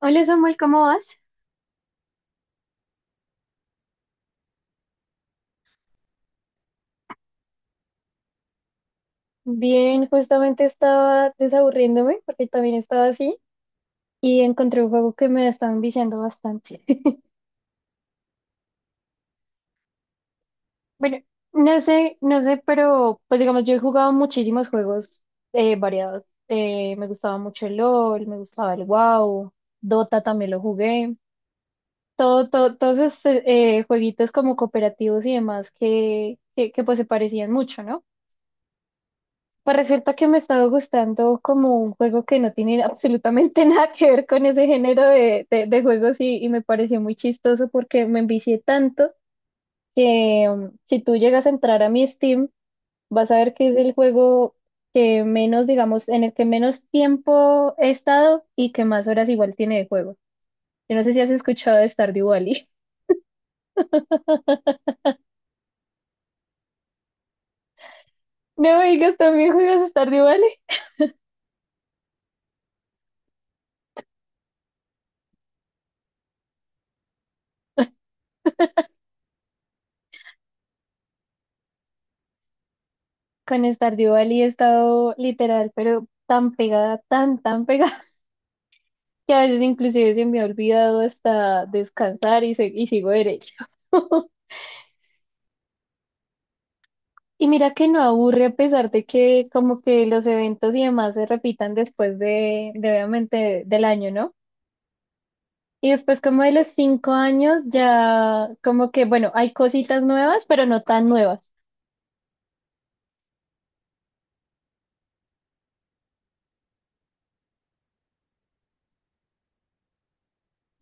Hola Samuel, ¿cómo vas? Bien, justamente estaba desaburriéndome porque también estaba así y encontré un juego que me estaba enviciando bastante. Bueno, no sé, pero pues digamos, yo he jugado muchísimos juegos variados. Me gustaba mucho el LOL, me gustaba el WoW, Dota también lo jugué. Todo, todo, todos esos jueguitos como cooperativos y demás que pues se parecían mucho, ¿no? Pues resulta que me estaba gustando como un juego que no tiene absolutamente nada que ver con ese género de juegos y me pareció muy chistoso porque me envicié tanto que si tú llegas a entrar a mi Steam, vas a ver que es el juego que menos, digamos, en el que menos tiempo he estado y que más horas igual tiene de juego. Yo no sé si has escuchado de Stardew Valley. No me digas, ¿también juegas Stardew Valley? Con Stardew Valley he estado literal, pero tan pegada, tan pegada que a veces inclusive se me ha olvidado hasta descansar y, y sigo derecho. Y mira que no aburre a pesar de que como que los eventos y demás se repitan después de obviamente del año, ¿no? Y después como de los 5 años ya como que, bueno, hay cositas nuevas, pero no tan nuevas.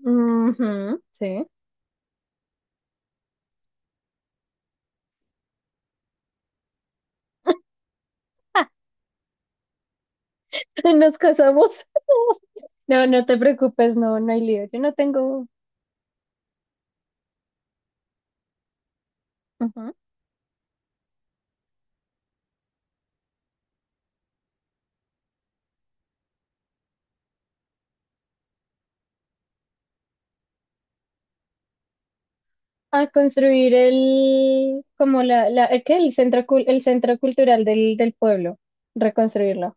Ujú, sí. Ah, nos casamos. No, no te preocupes, no, no hay lío. Yo no tengo... ujú. A construir el, como la, ¿qué? El centro, el centro cultural del pueblo, reconstruirlo.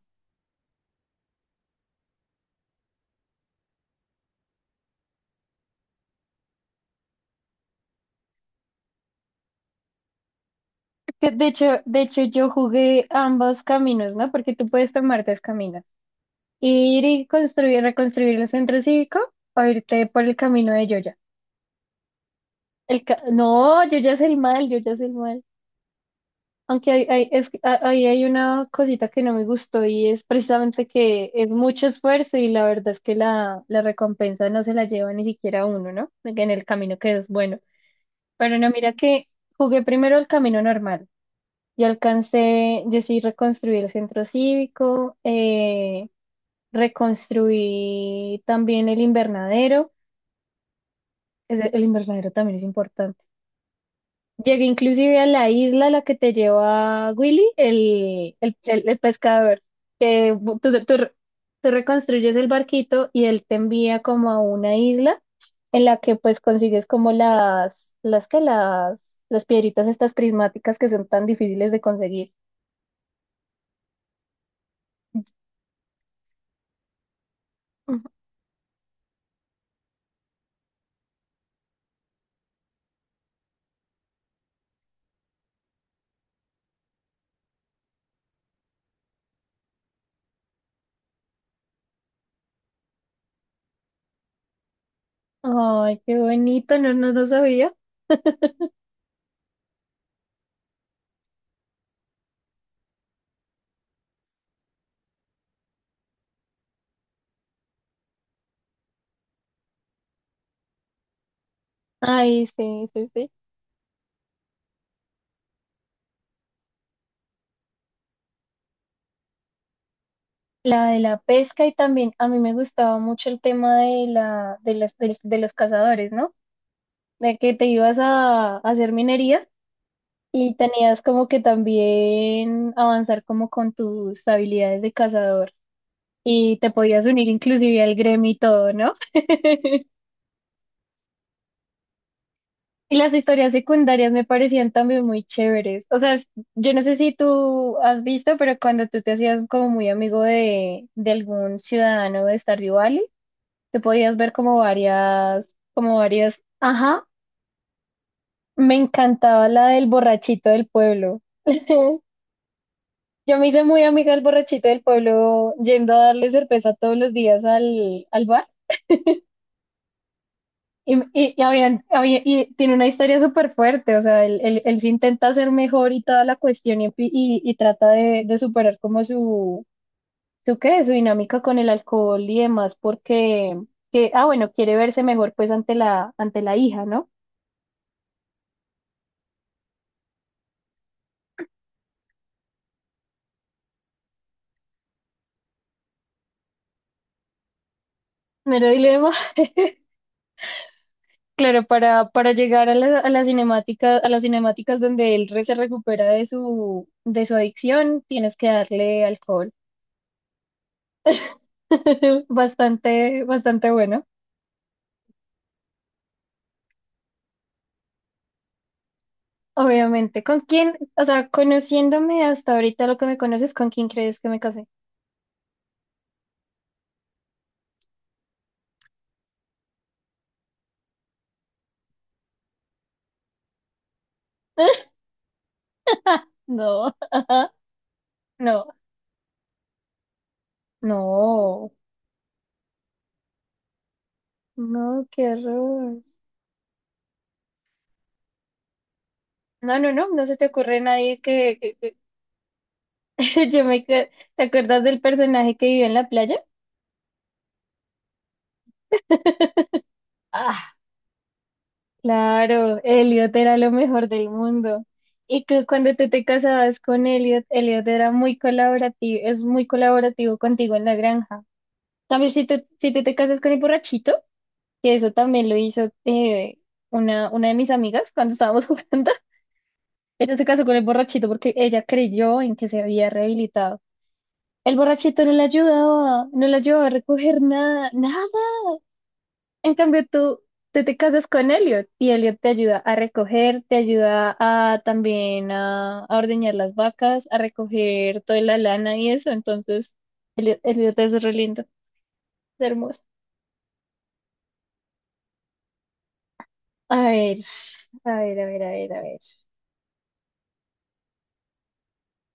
Que de hecho, yo jugué ambos caminos, ¿no? Porque tú puedes tomar dos caminos. Ir y construir, reconstruir el centro cívico o irte por el camino de Yoya. No, Yoya es el mal, Yoya es el mal. Aunque ahí hay una cosita que no me gustó y es precisamente que es mucho esfuerzo y la verdad es que la recompensa no se la lleva ni siquiera uno, ¿no? En el camino que es bueno. Pero no, mira que jugué primero el camino normal y alcancé, yo sí reconstruí el centro cívico, reconstruí también el invernadero. El invernadero también es importante. Llegué inclusive a la isla a la que te lleva Willy, el pescador, que tú reconstruyes el barquito y él te envía como a una isla en la que pues consigues como las piedritas estas prismáticas que son tan difíciles de conseguir. Ujú. Ay, qué bonito, no, no, no sabía. Ay, sí, sí, sí. La de la pesca y también a mí me gustaba mucho el tema de la, de las, del- de los cazadores, ¿no? De que te ibas a hacer minería y tenías como que también avanzar como con tus habilidades de cazador y te podías unir inclusive al gremio y todo, ¿no? Y las historias secundarias me parecían también muy chéveres. O sea, yo no sé si tú has visto, pero cuando tú te hacías como muy amigo de algún ciudadano de Stardew Valley, te podías ver como varias, ajá, me encantaba la del borrachito del pueblo. Yo me hice muy amiga del borrachito del pueblo yendo a darle cerveza todos los días al bar. Y tiene una historia súper fuerte, o sea, él se intenta hacer mejor y toda la cuestión y y trata de superar como ¿qué? Su dinámica con el alcohol y demás, porque, que, ah, bueno, quiere verse mejor pues ante ante la hija, ¿no? Mero dilema. Claro, para llegar a a la cinemática, a las cinemáticas donde se recupera de su adicción, tienes que darle alcohol. Bastante, bastante bueno, obviamente. ¿Con quién? O sea, conociéndome hasta ahorita lo que me conoces, ¿con quién crees que me casé? No, no, no, no, qué horror. No, no, no, no se te ocurre nadie yo me... ca- ¿Te acuerdas del personaje que vivió en la playa? Claro, Elliot era lo mejor del mundo. Y que cuando tú te casabas con Elliot, Elliot era muy colaborativo, es muy colaborativo contigo en la granja. También si tú te casas con el borrachito, que eso también lo hizo una de mis amigas cuando estábamos jugando, ella se casó con el borrachito porque ella creyó en que se había rehabilitado. El borrachito no le ayudaba, no le ayudaba a recoger nada, nada. En cambio, tú te casas con Elliot y Elliot te ayuda a recoger, te ayuda a también a ordeñar las vacas, a recoger toda la lana y eso. Entonces, Elliot, Elliot es re lindo, es hermoso. A ver, a ver.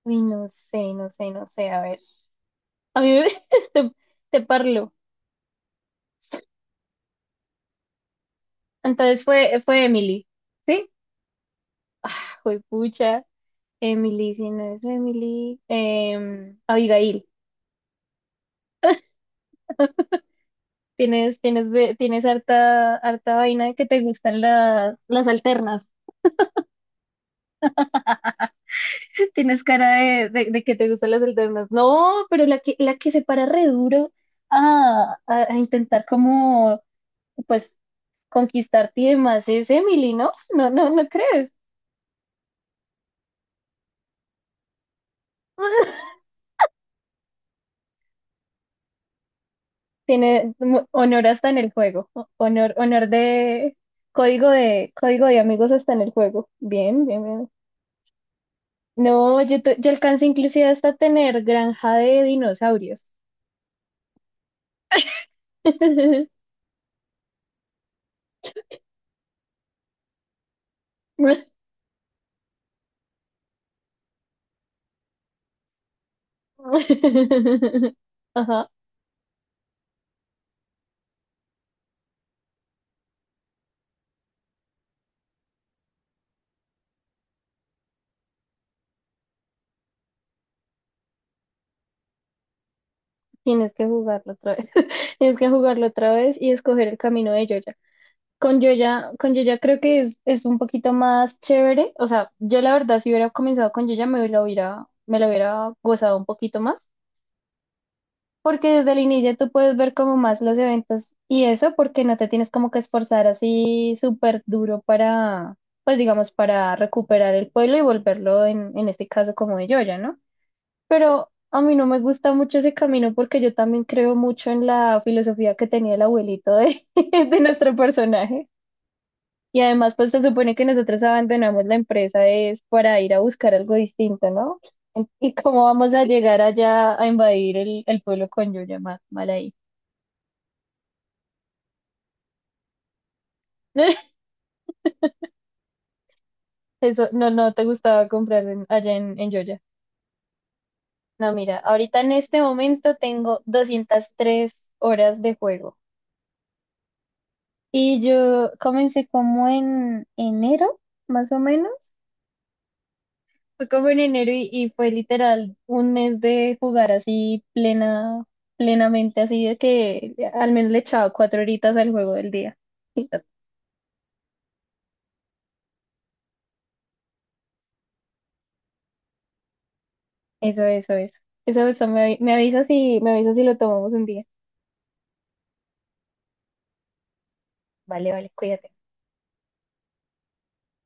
Uy, no sé, a ver. A mí me, te, te parlo. Entonces fue, fue Emily, ¿sí? Fue pucha, Emily, si no es Emily, Abigail. Tienes, tienes, tienes harta, harta vaina de que te gustan las alternas. Tienes cara de que te gustan las alternas. No, pero la que se para re duro a intentar como, pues, conquistarte y demás es Emily, ¿no? No, no, ¿no crees? Tiene honor hasta en el juego. Honor, honor de código de código de amigos hasta en el juego. Bien, bien, bien. No, yo, yo alcancé inclusive hasta tener granja de dinosaurios. Ajá, tienes que jugarlo otra vez. Tienes que jugarlo otra vez y escoger el camino de Yoya. Con Yoya, con Yoya creo que es un poquito más chévere. O sea, yo la verdad, si hubiera comenzado con Yoya, me lo hubiera gozado un poquito más. Porque desde el inicio tú puedes ver como más los eventos y eso, porque no te tienes como que esforzar así súper duro para, pues digamos, para recuperar el pueblo y volverlo en este caso como de Yoya, ¿no? Pero a mí no me gusta mucho ese camino porque yo también creo mucho en la filosofía que tenía el abuelito de nuestro personaje. Y además, pues se supone que nosotros abandonamos la empresa es para ir a buscar algo distinto, ¿no? ¿Y cómo vamos a llegar allá a invadir el pueblo con Yoya? Mal, mal ahí. Eso, no, no te gustaba comprar allá en Yoya. No, mira, ahorita en este momento tengo 203 horas de juego. Y yo comencé como en enero, más o menos. Fue como en enero y fue literal un mes de jugar así plena, plenamente, así de que al menos le echaba 4 horitas al juego del día. Y ya. Eso, eso, eso. Eso, me, me avisas si lo tomamos un día. Vale, vale, cuídate.